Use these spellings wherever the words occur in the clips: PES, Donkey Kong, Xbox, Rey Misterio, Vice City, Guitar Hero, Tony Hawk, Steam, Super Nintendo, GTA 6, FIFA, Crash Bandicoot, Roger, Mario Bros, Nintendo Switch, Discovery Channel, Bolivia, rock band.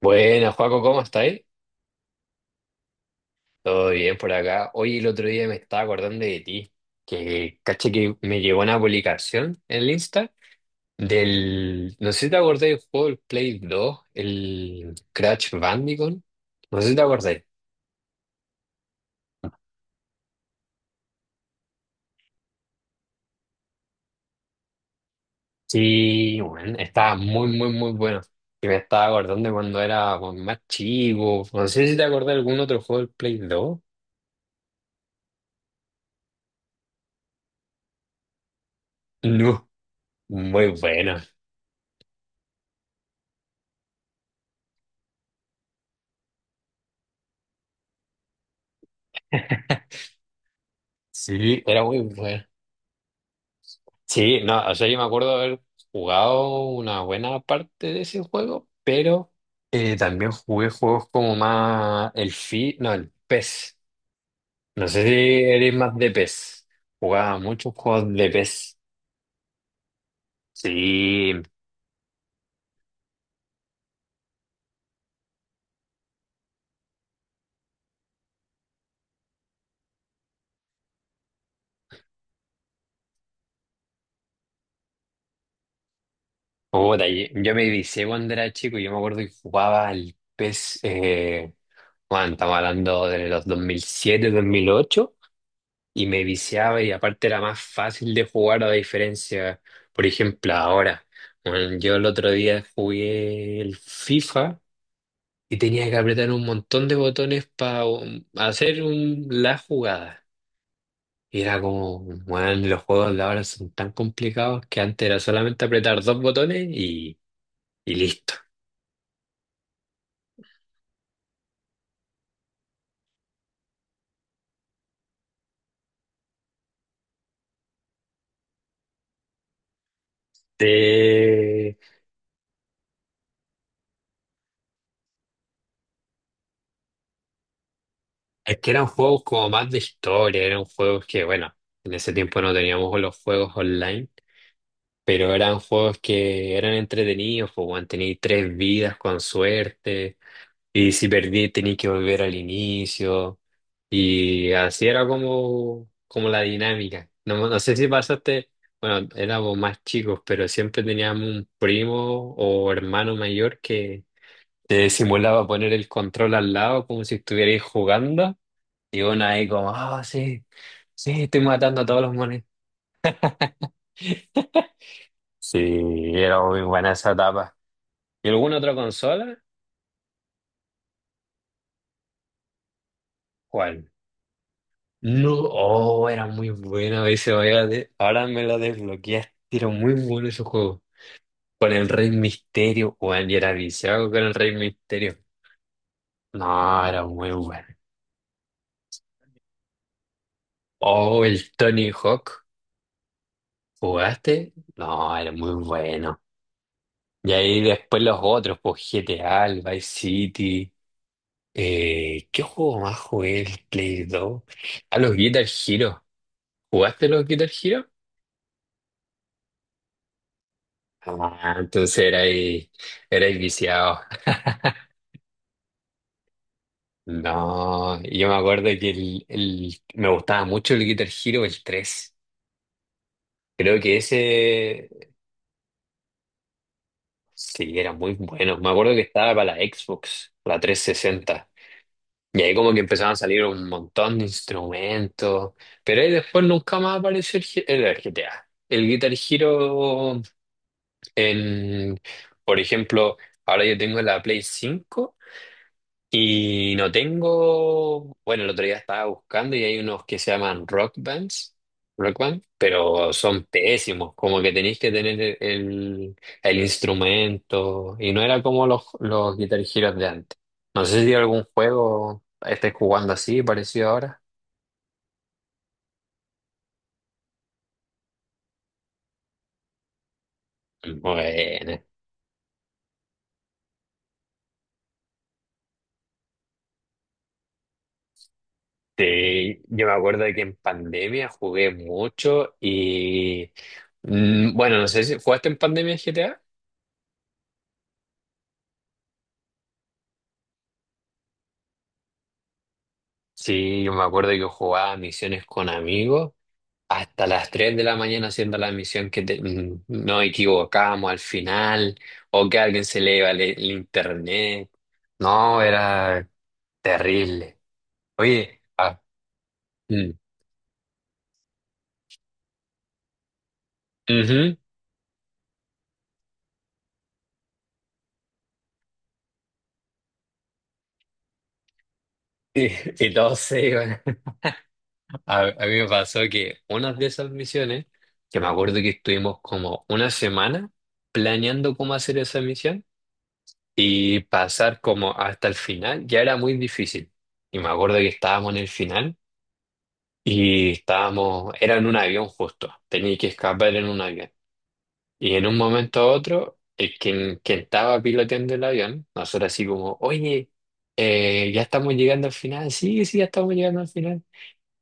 Buenas, Joaco, ¿cómo estáis? Todo bien por acá. Hoy el otro día me estaba acordando de ti, que caché que me llegó una publicación en el Insta no sé si te acordáis del juego del Play 2, el Crash Bandicoot, no sé si te acordáis. Sí, bueno, estaba muy, muy, muy bueno. Y me estaba acordando de cuando era pues, más chico, no sé si te acordás de algún otro juego del Play 2. No, muy bueno. Sí, era muy bueno. Sí, no, o sea, yo me acuerdo haber jugado una buena parte de ese juego, pero también jugué juegos como más el Fi, no, el PES. No sé si eres más de PES. Jugaba muchos juegos de PES. Sí, puta, yo me vicié cuando era chico y yo me acuerdo que jugaba el PES, bueno, estamos hablando de los dos mil siete, 2008. Y me viciaba y aparte era más fácil de jugar a diferencia, por ejemplo, ahora. Bueno, yo el otro día jugué el FIFA y tenía que apretar un montón de botones para hacer la jugada. Y era como, bueno, los juegos de ahora son tan complicados que antes era solamente apretar dos botones y listo. Eh, es que eran juegos como más de historia, eran juegos que, bueno, en ese tiempo no teníamos los juegos online. Pero eran juegos que eran entretenidos, pues, weón, tení tres vidas con suerte, y si perdí tení que volver al inicio, y así era como la dinámica. No, no sé si pasaste, bueno, éramos más chicos, pero siempre teníamos un primo o hermano mayor que te simulaba poner el control al lado como si estuvierais jugando, y uno ahí como, ah, sí, sí, estoy matando a todos los monedas. Sí, era muy buena esa etapa. ¿Y alguna otra consola? ¿Cuál? No, oh, era muy buena ese, ahora me lo desbloqueaste, era muy bueno ese juego. Con el Rey Misterio, weón, y era viciado con el Rey Misterio. No, era muy bueno. Oh, el Tony Hawk, ¿jugaste? No, era muy bueno. Y ahí después los otros, pues GTA, el Vice City. ¿Qué juego más jugué? El Play 2. A los Guitar Hero. ¿Jugaste los Guitar Hero? Ah, entonces era ahí viciado. No, yo me acuerdo que me gustaba mucho el Guitar Hero, el 3. Creo que ese sí era muy bueno. Me acuerdo que estaba para la Xbox, la 360. Y ahí como que empezaban a salir un montón de instrumentos. Pero ahí después nunca más apareció el GTA. El Guitar Hero en, por ejemplo, ahora yo tengo la Play 5. Y no tengo, bueno, el otro día estaba buscando y hay unos que se llaman rock bands, rock band, pero son pésimos, como que tenéis que tener el instrumento y no era como los Guitar Heroes de antes. No sé si algún juego estés jugando así, parecido ahora. Bueno, este, yo me acuerdo de que en pandemia jugué mucho y, bueno, no sé si jugaste en pandemia GTA. Sí, yo me acuerdo que yo jugaba misiones con amigos hasta las 3 de la mañana haciendo la misión nos equivocábamos al final o que a alguien se le iba el internet. No, era terrible. Oye, ah, mm, ujú, y todos se iban. A mí me pasó que una de esas misiones, que me acuerdo que estuvimos como una semana planeando cómo hacer esa misión, y pasar como hasta el final ya era muy difícil. Y me acuerdo que estábamos en el final y estábamos, era en un avión justo, tenía que escapar en un avión. Y en un momento a otro, quien estaba piloteando el avión, nosotros así como, oye, ya estamos llegando al final, sí, sí, ya estamos llegando al final.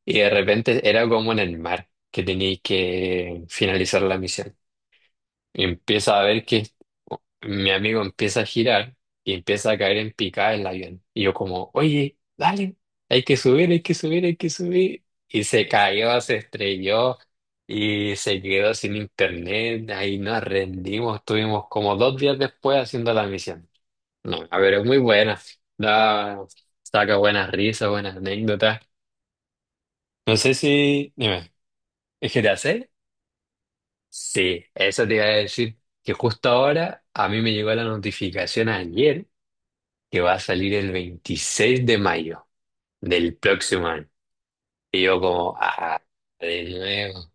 Y de repente era como en el mar que tenía que finalizar la misión. Empieza a ver que mi amigo empieza a girar y empieza a caer en picada el avión. Y yo como, oye, dale, hay que subir, hay que subir, hay que subir. Y se cayó, se estrelló y se quedó sin internet. Ahí nos rendimos, estuvimos como 2 días después haciendo la misión. No, a ver, es muy buena. Da, saca buenas risas, buenas anécdotas. No sé si. Dime, ¿es GTA? Sí, eso te iba a decir, que justo ahora a mí me llegó la notificación ayer que va a salir el 26 de mayo del próximo año. Y yo como, ah, de nuevo.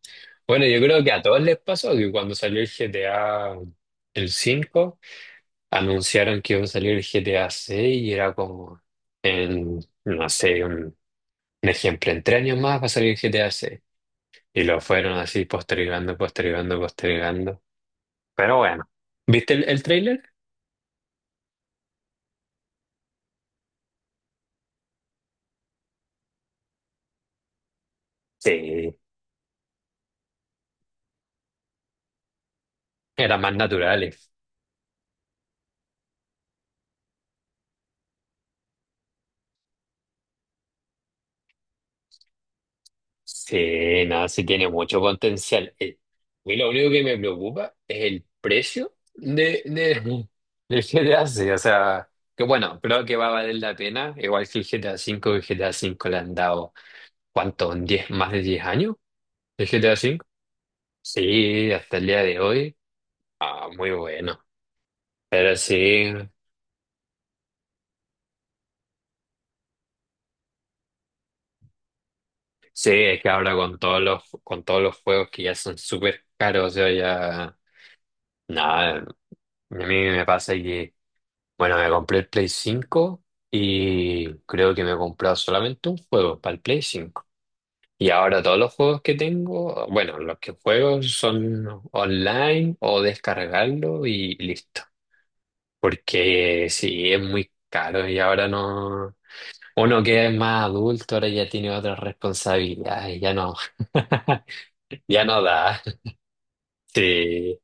Bueno, yo creo que a todos les pasó que cuando salió el GTA, el 5, anunciaron que iba a salir el GTA 6 y era como, en, no sé, un ejemplo, en 3 años más va a salir el GTA 6. Y lo fueron así postergando, postergando, postergando. Pero bueno, ¿viste el tráiler? Sí, eran más naturales. Sí, nada, sí tiene mucho potencial. A mí lo único que me preocupa es el precio del GTA 6. O sea, que bueno, creo que va a valer la pena. Igual que el GTA 5. El GTA 5 le han dado, ¿cuánto? ¿Un 10, más de 10 años? ¿El GTA cinco? Sí, hasta el día de hoy. Ah, muy bueno. Pero sí. Sí, es que ahora con todos con todos los juegos que ya son súper caros, yo ya. Nada, a mí me pasa que, bueno, me compré el Play 5 y creo que me he comprado solamente un juego para el Play 5. Y ahora todos los juegos que tengo, bueno, los que juego son online o descargarlo y listo. Porque sí, es muy caro y ahora no. Uno que es más adulto ahora ya tiene otras responsabilidades, ya no. Ya no da. Sí,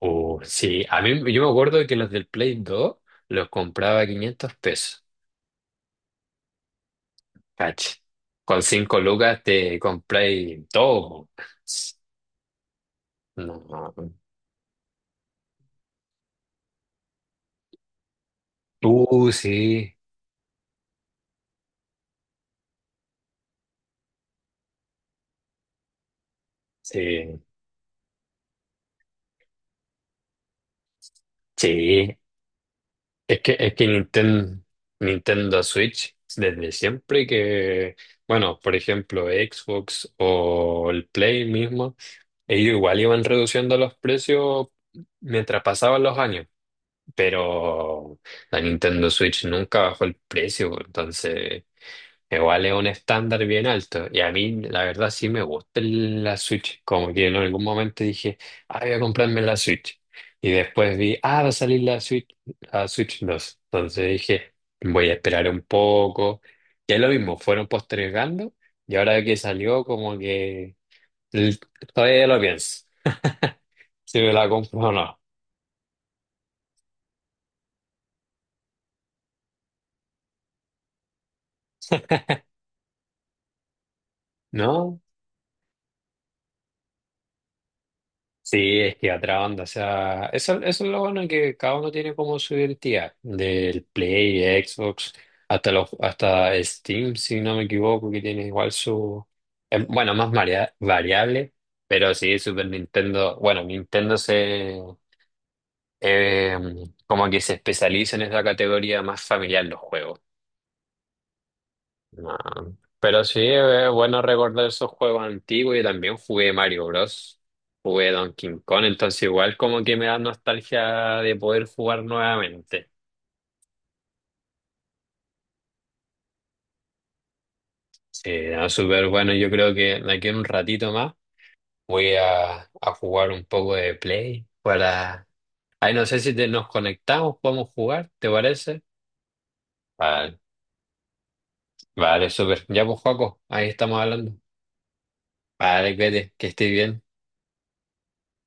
sí. A mí, yo me acuerdo que los del Play 2 los compraba a $500, caché. Con 5 lucas te compré todo. No, sí, sí, sí. Es que Nintendo, Nintendo Switch, desde siempre que, bueno, por ejemplo, Xbox o el Play mismo, ellos igual iban reduciendo los precios mientras pasaban los años. Pero la Nintendo Switch nunca bajó el precio, pues, entonces igual es un estándar bien alto. Y a mí, la verdad, sí me gusta la Switch. Como que en algún momento dije, ah, voy a comprarme la Switch. Y después vi, ah, va a salir la Switch 2. Entonces dije, voy a esperar un poco. Y es lo mismo, fueron postergando y ahora que salió, como que l- todavía lo pienso. Si me la compro o no. ¿No? Sí, es que otra onda, o sea, eso es lo bueno que cada uno tiene como su identidad, del Play, Xbox, hasta hasta Steam, si no me equivoco, que tiene igual su, bueno, más variable, pero sí, Super Nintendo, bueno, Nintendo se, eh, como que se especializa en esa categoría más familiar los juegos. No. Pero sí, es bueno recordar esos juegos antiguos y también jugué Mario Bros. Jugué Donkey Kong, entonces igual como que me da nostalgia de poder jugar nuevamente. Sí, no, súper bueno. Yo creo que de aquí en un ratito más voy a jugar un poco de Play para. Ay, no sé si nos conectamos, podemos jugar, ¿te parece? Vale, vale, súper. Ya pues, Joaco, ahí estamos hablando. Vale, vete, que estés bien.